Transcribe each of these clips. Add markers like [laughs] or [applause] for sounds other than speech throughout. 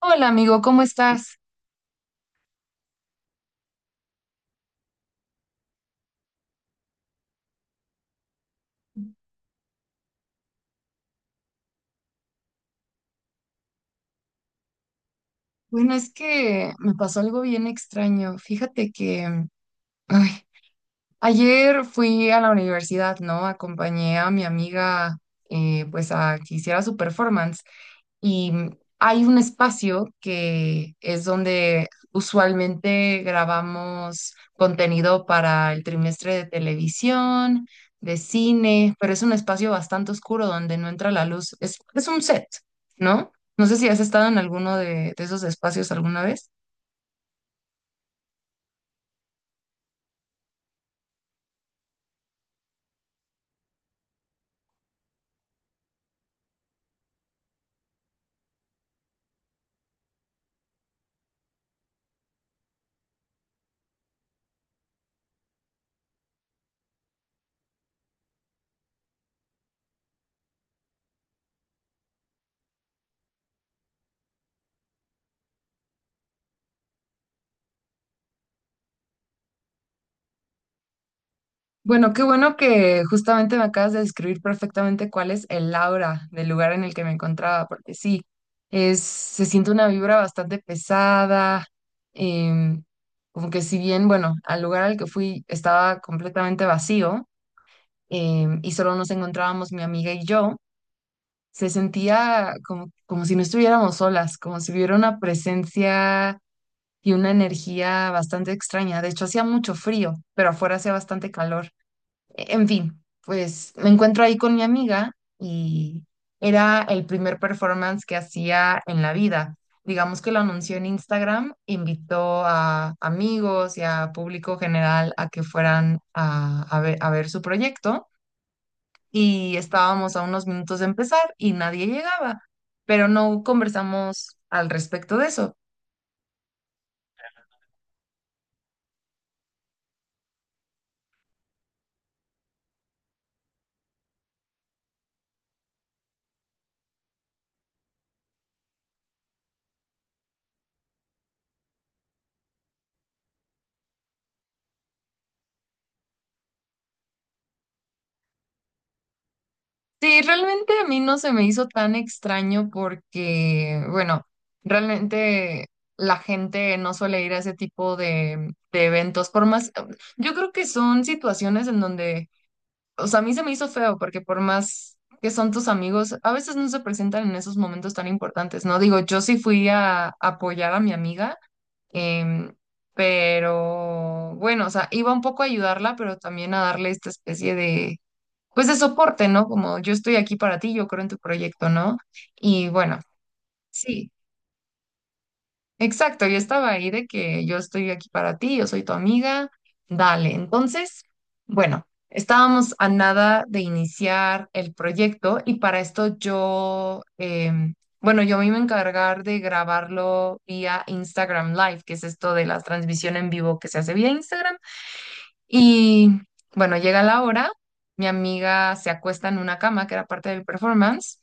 Hola amigo, ¿cómo estás? Bueno, es que me pasó algo bien extraño. Fíjate que ay, ayer fui a la universidad, ¿no? Acompañé a mi amiga pues a que hiciera su performance y hay un espacio que es donde usualmente grabamos contenido para el trimestre de televisión, de cine, pero es un espacio bastante oscuro donde no entra la luz. Es un set, ¿no? No sé si has estado en alguno de esos espacios alguna vez. Bueno, qué bueno que justamente me acabas de describir perfectamente cuál es el aura del lugar en el que me encontraba, porque sí, es, se siente una vibra bastante pesada. em, Como que si bien, bueno, al lugar al que fui estaba completamente vacío, y solo nos encontrábamos mi amiga y yo, se sentía como, como si no estuviéramos solas, como si hubiera una presencia y una energía bastante extraña. De hecho, hacía mucho frío, pero afuera hacía bastante calor. En fin, pues me encuentro ahí con mi amiga y era el primer performance que hacía en la vida. Digamos que lo anunció en Instagram, invitó a amigos y a público general a que fueran a ver su proyecto y estábamos a unos minutos de empezar y nadie llegaba, pero no conversamos al respecto de eso. Sí, realmente a mí no se me hizo tan extraño porque, bueno, realmente la gente no suele ir a ese tipo de eventos, por más, yo creo que son situaciones en donde, o sea, a mí se me hizo feo porque por más que son tus amigos, a veces no se presentan en esos momentos tan importantes, ¿no? Digo, yo sí fui a apoyar a mi amiga, em, pero bueno, o sea, iba un poco a ayudarla, pero también a darle esta especie de pues de soporte, ¿no? Como yo estoy aquí para ti, yo creo en tu proyecto, ¿no? Y bueno, sí, exacto, yo estaba ahí de que yo estoy aquí para ti, yo soy tu amiga, dale. Entonces, bueno, estábamos a nada de iniciar el proyecto y para esto yo, bueno, yo me iba a encargar de grabarlo vía Instagram Live, que es esto de la transmisión en vivo que se hace vía Instagram. Y bueno, llega la hora, mi amiga se acuesta en una cama que era parte de mi performance,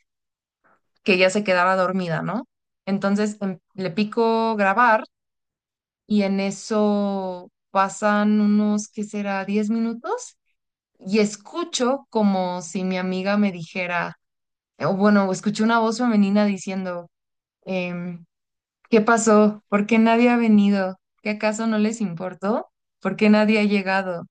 que ella se quedaba dormida, ¿no? Entonces le pico grabar y en eso pasan unos, ¿qué será? Diez minutos y escucho como si mi amiga me dijera, o bueno, escuché una voz femenina diciendo, em, ¿qué pasó? ¿Por qué nadie ha venido? ¿Qué acaso no les importó? ¿Por qué nadie ha llegado?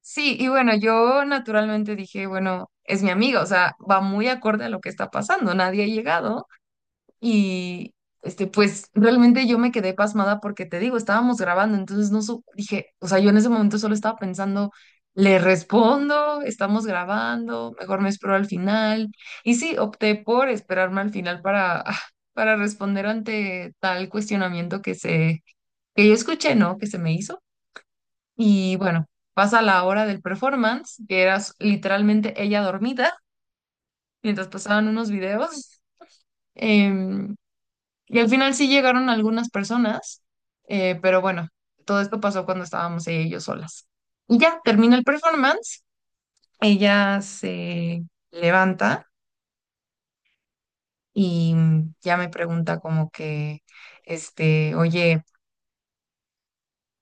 Sí, y bueno, yo naturalmente dije, bueno, es mi amiga, o sea, va muy acorde a lo que está pasando, nadie ha llegado y este, pues realmente yo me quedé pasmada porque te digo, estábamos grabando, entonces no su- dije, o sea, yo en ese momento solo estaba pensando, le respondo, estamos grabando, mejor me espero al final. Y sí, opté por esperarme al final para, [laughs] para responder ante tal cuestionamiento que yo escuché, ¿no? Que se me hizo. Y bueno, pasa la hora del performance, que era literalmente ella dormida, mientras pasaban unos videos. em, y al final sí llegaron algunas personas, pero bueno, todo esto pasó cuando estábamos ella y yo solas. Y ya termina el performance, ella se levanta y ya me pregunta como que, este, oye.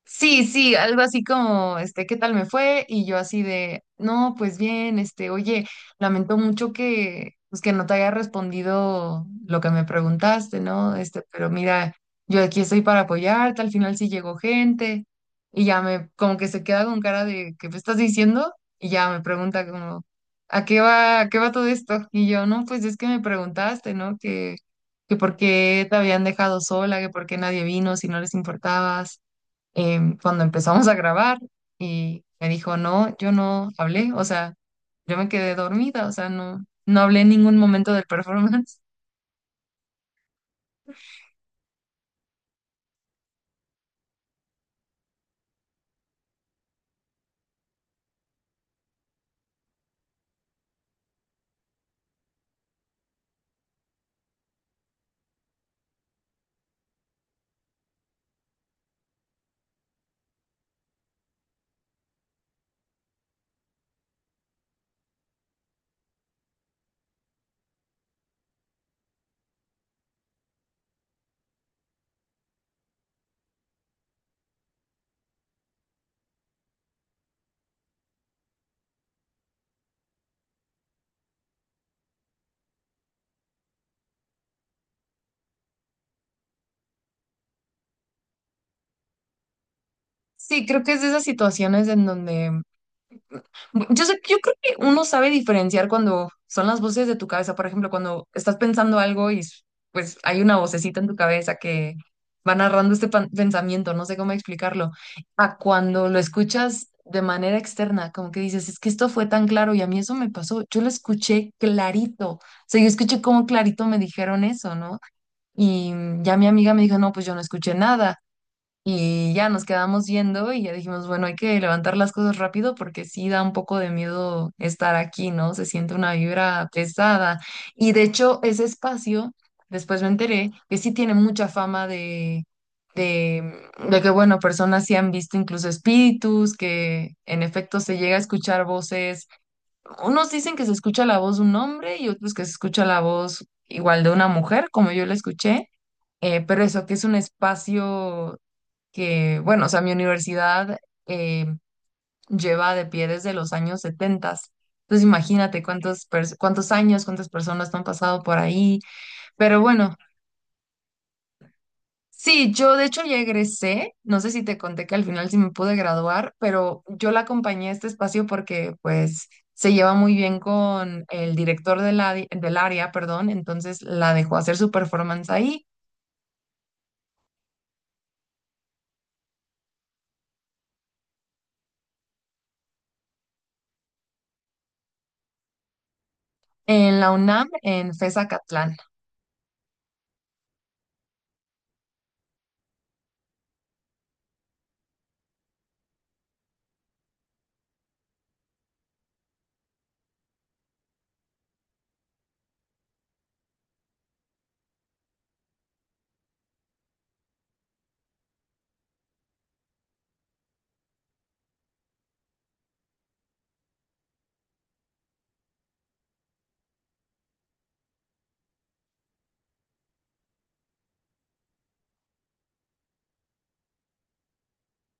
Sí, sí, algo así como, este, ¿qué tal me fue? Y yo así de, no, pues bien, este, oye, lamento mucho que, pues que no te haya respondido lo que me preguntaste, ¿no? Este, pero mira, yo aquí estoy para apoyarte, al final sí llegó gente, y ya me, como que se queda con cara de, ¿qué me estás diciendo? Y ya me pregunta como, a qué va todo esto? Y yo, no, pues es que me preguntaste, ¿no? Que por qué te habían dejado sola, que por qué nadie vino, si no les importabas cuando empezamos a grabar y me dijo, no, yo no hablé, o sea, yo me quedé dormida, o sea, no, no hablé en ningún momento del performance. [laughs] Sí, creo que es de esas situaciones en donde yo sé, yo creo que uno sabe diferenciar cuando son las voces de tu cabeza, por ejemplo, cuando estás pensando algo pues hay una vocecita en tu cabeza que va narrando este pensamiento, no sé cómo explicarlo, a cuando lo escuchas de manera externa, como que dices, es que esto fue tan claro y a mí eso me pasó, yo lo escuché clarito, o sea, yo escuché cómo clarito me dijeron eso, ¿no? Y ya mi amiga me dijo, no, pues yo no escuché nada. Y ya nos quedamos yendo y ya dijimos, bueno, hay que levantar las cosas rápido porque sí da un poco de miedo estar aquí, ¿no? Se siente una vibra pesada. Y de hecho, ese espacio, después me enteré que sí tiene mucha fama de que, bueno, personas sí han visto incluso espíritus, que en efecto se llega a escuchar voces. Unos dicen que se escucha la voz de un hombre y otros que se escucha la voz igual de una mujer, como yo la escuché. Pero eso, que es un espacio que, bueno, o sea, mi universidad eh, lleva de pie desde los años 70. Entonces imagínate cuántos años, cuántas personas no han pasado por ahí. Pero bueno, sí, yo de hecho ya egresé. No sé si te conté que al final sí me pude graduar, pero yo la acompañé a este espacio porque pues se lleva muy bien con el director de la del área, perdón. Entonces la dejó hacer su performance ahí en la UNAM, en FES Acatlán.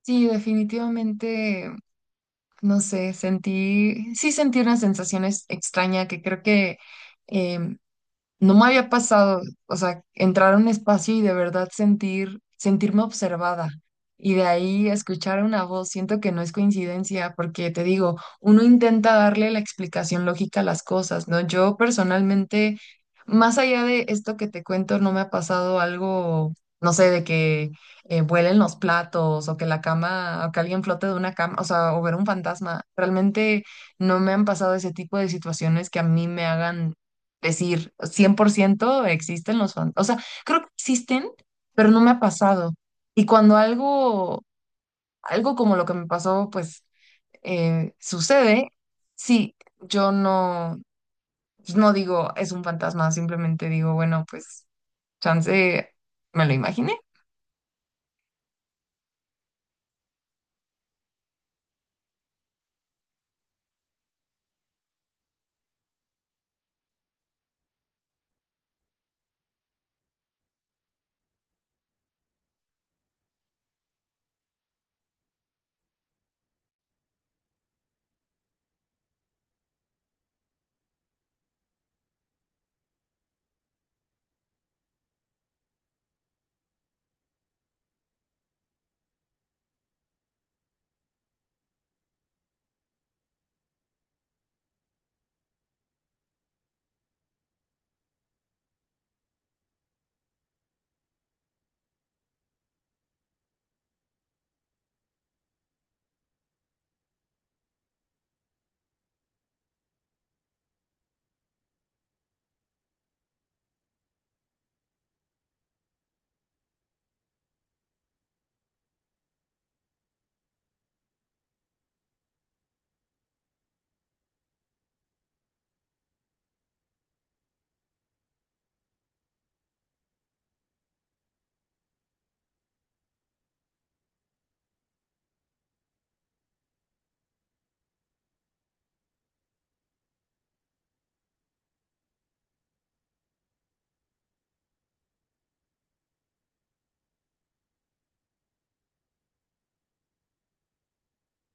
Sí, definitivamente. No sé, sí sentí una sensación extraña que creo que em, no me había pasado, o sea, entrar a un espacio y de verdad sentir, sentirme observada. Y de ahí escuchar una voz, siento que no es coincidencia, porque te digo, uno intenta darle la explicación lógica a las cosas, ¿no? Yo personalmente, más allá de esto que te cuento, no me ha pasado algo, no sé, de que vuelen los platos o que la cama, o que alguien flote de una cama, o sea, o ver un fantasma. Realmente no me han pasado ese tipo de situaciones que a mí me hagan decir 100% existen los fantasmas. O sea, creo que existen, pero no me ha pasado. Y cuando algo, algo como lo que me pasó, pues sucede, sí, yo no, pues, no digo es un fantasma, simplemente digo, bueno, pues chance me lo imaginé.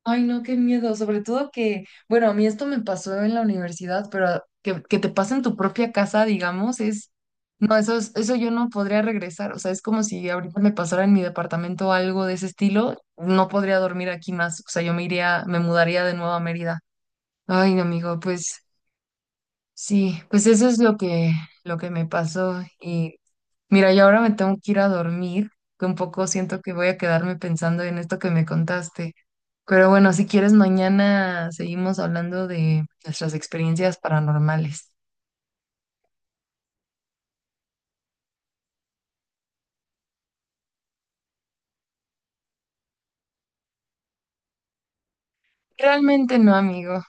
Ay, no, qué miedo. Sobre todo que, bueno, a mí esto me pasó en la universidad, pero que te pase en tu propia casa, digamos, es, no, eso yo no podría regresar. O sea, es como si ahorita me pasara en mi departamento algo de ese estilo, no podría dormir aquí más. O sea, yo me iría, me mudaría de nuevo a Mérida. Ay, amigo, pues. Sí, pues eso es lo que me pasó. Y mira, yo ahora me tengo que ir a dormir, que un poco siento que voy a quedarme pensando en esto que me contaste. Pero bueno, si quieres, mañana seguimos hablando de nuestras experiencias paranormales. Realmente no, amigo.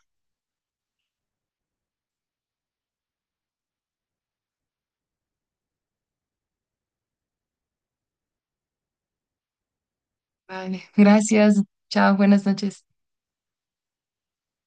Vale, gracias. Chao, buenas noches.